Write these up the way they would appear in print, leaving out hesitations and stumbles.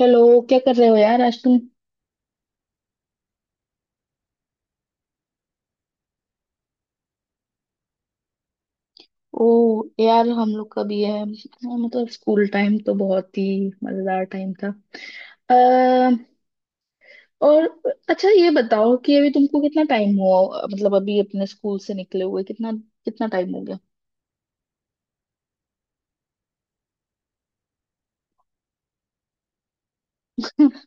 Hello. क्या कर रहे हो यार आज तुम? ओ यार, हम लोग का भी है हाँ, मतलब स्कूल टाइम तो बहुत ही मजेदार टाइम था। अः और अच्छा ये बताओ कि अभी तुमको कितना टाइम हुआ, मतलब अभी अपने स्कूल से निकले हुए कितना कितना टाइम हो गया?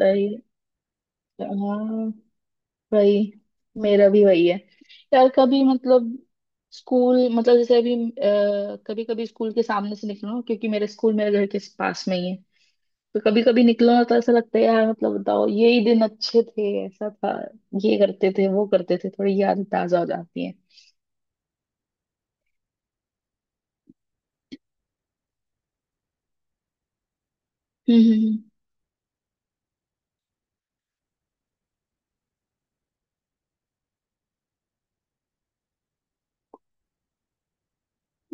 भाई। हाँ भाई, मेरा भी वही है। यार कभी मतलब स्कूल मतलब जैसे अभी कभी कभी स्कूल के सामने से निकलो, क्योंकि मेरे स्कूल मेरे घर के पास में ही है। तो कभी कभी निकलो ना तो ऐसा लगता है यार, मतलब बताओ ये ही दिन अच्छे थे ऐसा था, ये करते थे वो करते थे, थोड़ी याद ताजा हो जाती है। हम्म। हम्म।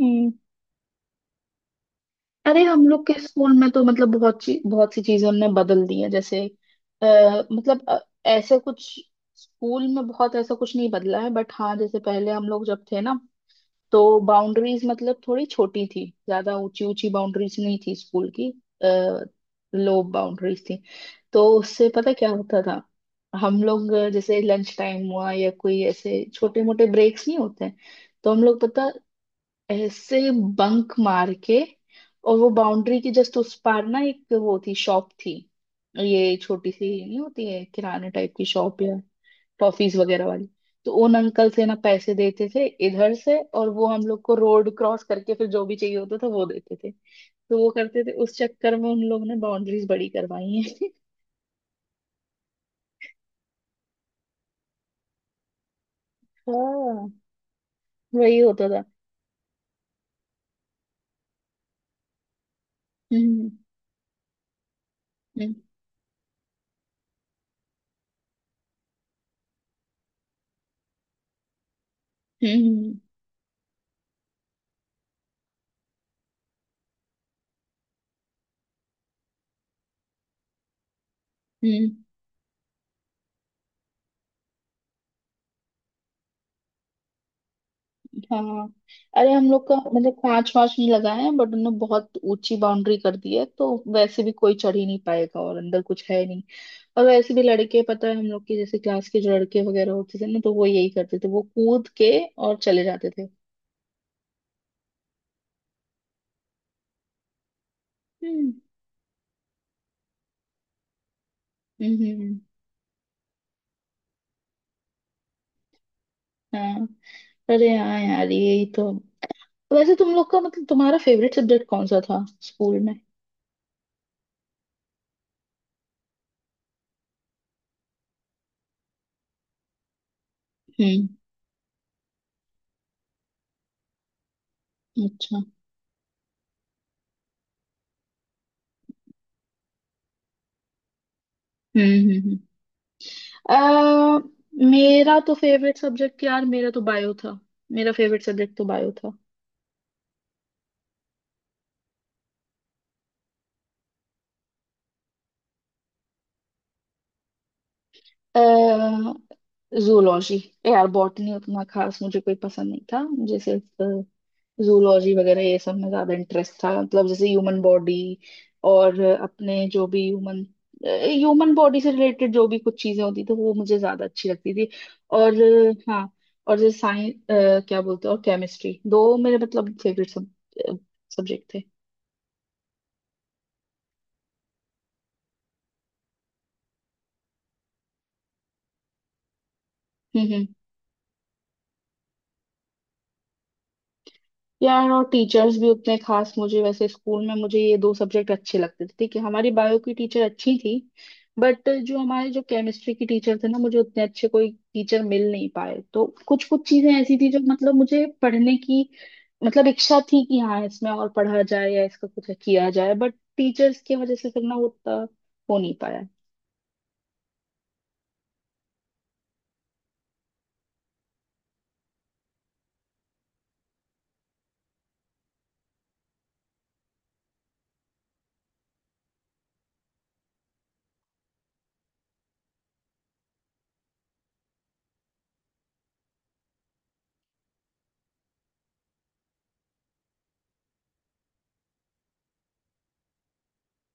हम्म। हम्म। अरे हम लोग के स्कूल में तो मतलब बहुत सी चीजें उनने बदल दी है। जैसे आ, मतलब अ, ऐसे कुछ स्कूल में बहुत ऐसा कुछ नहीं बदला है, बट हाँ जैसे पहले हम लोग जब थे ना, तो बाउंड्रीज मतलब थोड़ी छोटी थी, ज्यादा ऊंची ऊंची बाउंड्रीज नहीं थी स्कूल की, लो बाउंड्रीज थी। तो उससे पता क्या होता था, हम लोग जैसे लंच टाइम हुआ या कोई ऐसे छोटे मोटे ब्रेक्स नहीं होते हैं तो हम लोग पता ऐसे बंक मार के, और वो बाउंड्री के जस्ट उस पार ना एक वो थी, शॉप थी। ये छोटी सी नहीं होती है किराने टाइप की शॉप या टॉफीज वगैरह वाली। तो उन अंकल से ना पैसे देते थे इधर से, और वो हम लोग को रोड क्रॉस करके फिर जो भी चाहिए होता था वो देते थे। तो वो करते थे, उस चक्कर में उन लोगों ने बाउंड्रीज बड़ी करवाई है। हाँ, वही होता था। हम्म। हम्म। हम्म। हम्म। हम्म। हाँ। अरे हम लोग का मतलब पांच पांच नहीं लगाए हैं, बट उन्होंने बहुत ऊंची बाउंड्री कर दी है, तो वैसे भी कोई चढ़ ही नहीं पाएगा और अंदर कुछ है नहीं। और वैसे भी लड़के, पता है हम लोग की जैसे क्लास के जो लड़के वगैरह होते थे ना, तो वो यही करते थे, वो कूद के और चले जाते थे। हम्म। हम्म। हम्म। हाँ। अरे हाँ यार, यही तो। वैसे तुम लोग का मतलब तुम्हारा फेवरेट सब्जेक्ट कौन सा था स्कूल में? हम्म। अच्छा। हम्म। हम्म। हम्म। अ, मेरा तो फेवरेट सब्जेक्ट यार, मेरा तो बायो था। मेरा फेवरेट सब्जेक्ट तो बायो था। जूलॉजी। यार बॉटनी उतना खास मुझे कोई पसंद नहीं था, मुझे सिर्फ जूलॉजी वगैरह ये सब में ज्यादा इंटरेस्ट था, मतलब जैसे ह्यूमन बॉडी। और अपने जो भी ह्यूमन ह्यूमन बॉडी से रिलेटेड जो भी कुछ चीजें होती थी वो मुझे ज्यादा अच्छी लगती थी। और हाँ। और जैसे साइंस क्या बोलते हैं, और केमिस्ट्री, दो मेरे मतलब फेवरेट सब्जेक्ट थे। हम्म। हम्म। यार और टीचर्स भी उतने खास, मुझे वैसे स्कूल में मुझे ये दो सब्जेक्ट अच्छे लगते थे, ठीक है। हमारी बायो की टीचर अच्छी थी, बट जो केमिस्ट्री की टीचर थे ना, मुझे उतने अच्छे कोई टीचर मिल नहीं पाए, तो कुछ कुछ चीजें ऐसी थी जो मतलब मुझे पढ़ने की मतलब इच्छा थी कि हाँ इसमें और पढ़ा जाए या इसका कुछ किया जाए, बट टीचर्स की वजह से फिर ना वो उतना हो नहीं पाया।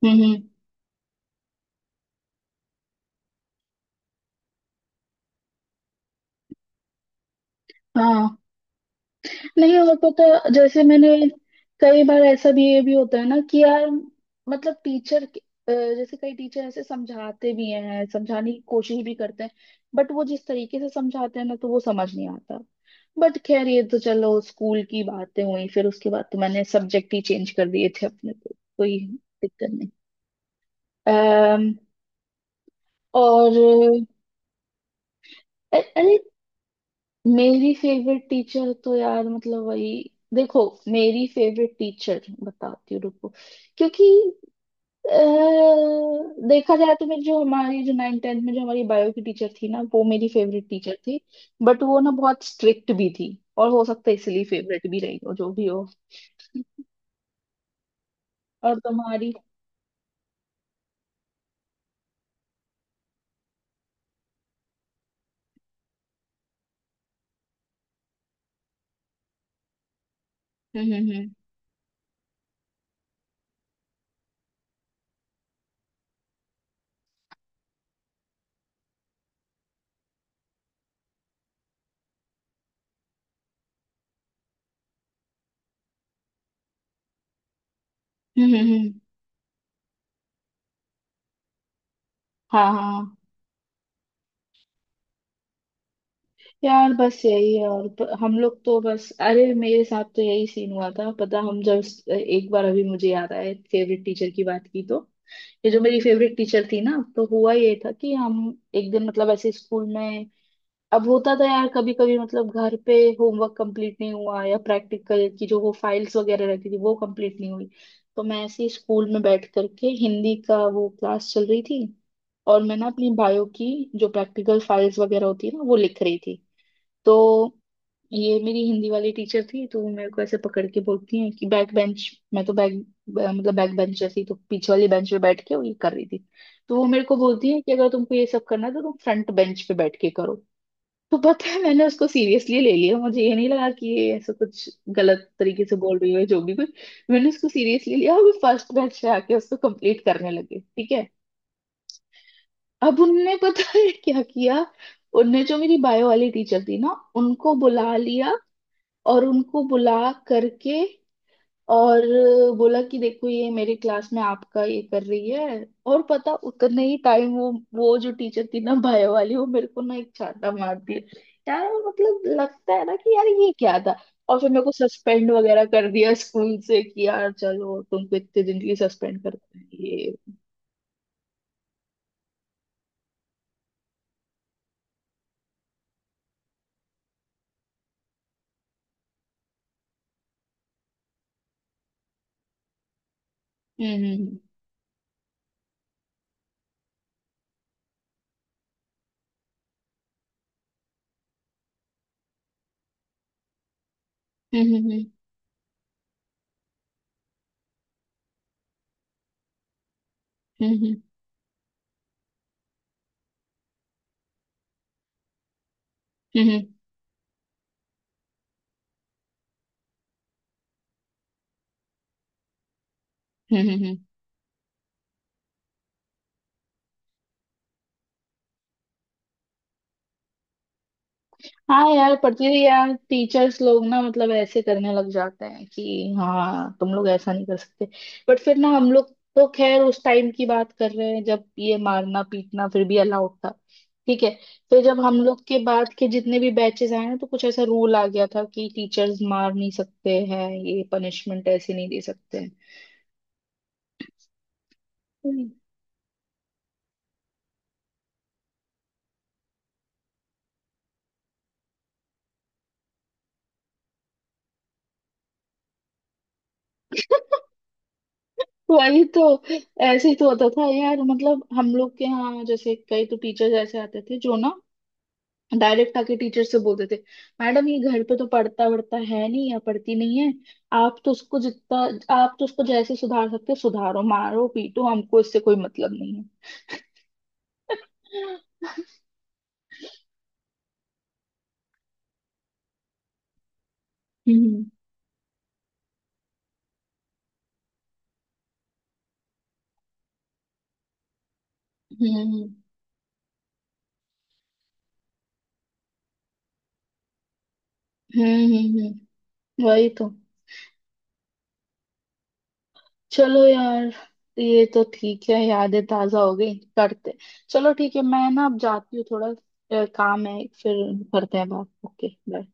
हम्म। हम्म। हाँ। नहीं और पता, जैसे मैंने कई बार ऐसा भी ये भी होता है ना कि यार मतलब टीचर, जैसे कई टीचर ऐसे समझाते भी हैं, समझाने की कोशिश भी करते हैं, बट वो जिस तरीके से समझाते हैं ना तो वो समझ नहीं आता। बट खैर ये तो चलो, स्कूल की बातें हुई, फिर उसके बाद तो मैंने सब्जेक्ट ही चेंज कर दिए थे अपने को, कोई दिक्कत नहीं। अम्म और अरे, मेरी फेवरेट टीचर तो यार मतलब वही, देखो, मेरी फेवरेट टीचर बताती हूँ, रुको। क्योंकि देखा जाए तो मेरी जो हमारी जो 9th-10th में जो हमारी बायो की टीचर थी ना, वो मेरी फेवरेट टीचर थी। बट वो ना बहुत स्ट्रिक्ट भी थी, और हो सकता है इसलिए फेवरेट भी रही हो, जो भी हो। और तुम्हारी? हम्म। हम्म। हम्म। हम्म। हम्म। हम्म। हाँ। हाँ। यार बस यही है। और हम लोग तो बस, अरे मेरे साथ तो यही सीन हुआ था पता, हम जब एक बार, अभी मुझे याद आया फेवरेट टीचर की बात की तो, ये जो मेरी फेवरेट टीचर थी ना, तो हुआ ये था कि हम एक दिन मतलब ऐसे स्कूल में, अब होता था यार कभी कभी मतलब घर पे होमवर्क कंप्लीट नहीं हुआ या प्रैक्टिकल की जो वो फाइल्स वगैरह रहती थी वो कंप्लीट नहीं हुई, तो मैं ऐसे ही स्कूल में बैठ करके, हिंदी का वो क्लास चल रही थी, और मैं ना अपनी बायो की जो प्रैक्टिकल फाइल्स वगैरह होती है ना वो लिख रही थी। तो ये मेरी हिंदी वाली टीचर थी, तो वो मेरे को ऐसे पकड़ के बोलती हैं कि बैक बेंच, मैं तो बैक मतलब बैक बेंच जैसी, तो पीछे वाली बेंच पे बैठ के वो ये कर रही थी। तो वो मेरे को बोलती है कि अगर तुमको ये सब करना है तो तुम फ्रंट बेंच पे बैठ के करो। तो पता है, मैंने उसको सीरियसली ले लिया, मुझे ये नहीं लगा कि ये ऐसा कुछ गलत तरीके से बोल रही है जो भी कुछ। मैंने उसको सीरियसली लिया और फर्स्ट बेंच पे आके उसको कंप्लीट करने लगे, ठीक है। अब उनने पता है क्या किया, उनने जो मेरी बायो वाली टीचर थी ना उनको बुला लिया, और उनको बुला करके और बोला कि देखो ये मेरे क्लास में आपका ये कर रही है। और पता, उतने ही टाइम वो जो टीचर थी ना बायो वाली, वो मेरे को ना एक चांटा मार दिया। यार मतलब लगता है ना कि यार ये क्या था। और फिर मेरे को सस्पेंड वगैरह कर दिया स्कूल से कि यार चलो, तुमको इतने दिन के लिए सस्पेंड करते हैं ये। हम्म। हम्म। हम्म। हम्म। हम्म। हम्म। हम्म। हम्म। हम्म। हम्म। हम्म। हम्म। हाँ यार, पढ़ती थी यार। टीचर्स लोग ना मतलब ऐसे करने लग जाते हैं कि हाँ तुम लोग ऐसा नहीं कर सकते, बट फिर ना हम लोग, तो खैर उस टाइम की बात कर रहे हैं जब ये मारना पीटना फिर भी अलाउड था, ठीक है। फिर जब हम लोग के बाद के जितने भी बैचेस आए ना, तो कुछ ऐसा रूल आ गया था कि टीचर्स मार नहीं सकते हैं, ये पनिशमेंट ऐसे नहीं दे सकते हैं। हम्म। वही तो। ऐसे ही तो होता था यार, मतलब हम लोग के यहाँ जैसे कई तो टीचर्स ऐसे आते थे जो ना डायरेक्ट आके टीचर से बोलते थे, मैडम ये घर पे तो पढ़ता वढ़ता है नहीं या पढ़ती नहीं है, आप तो उसको जितना आप तो उसको जैसे सुधार सकते हो सुधारो, मारो पीटो, हमको इससे कोई मतलब नहीं है। हम्म। हम्म। हम्म। हम्म। हम्म। हम्म। हम्म। वही तो। चलो यार, ये तो ठीक है, यादें ताजा हो गई करते। चलो ठीक है, मैं ना अब जाती हूँ थोड़ा, काम है, फिर करते हैं बात, ओके बाय।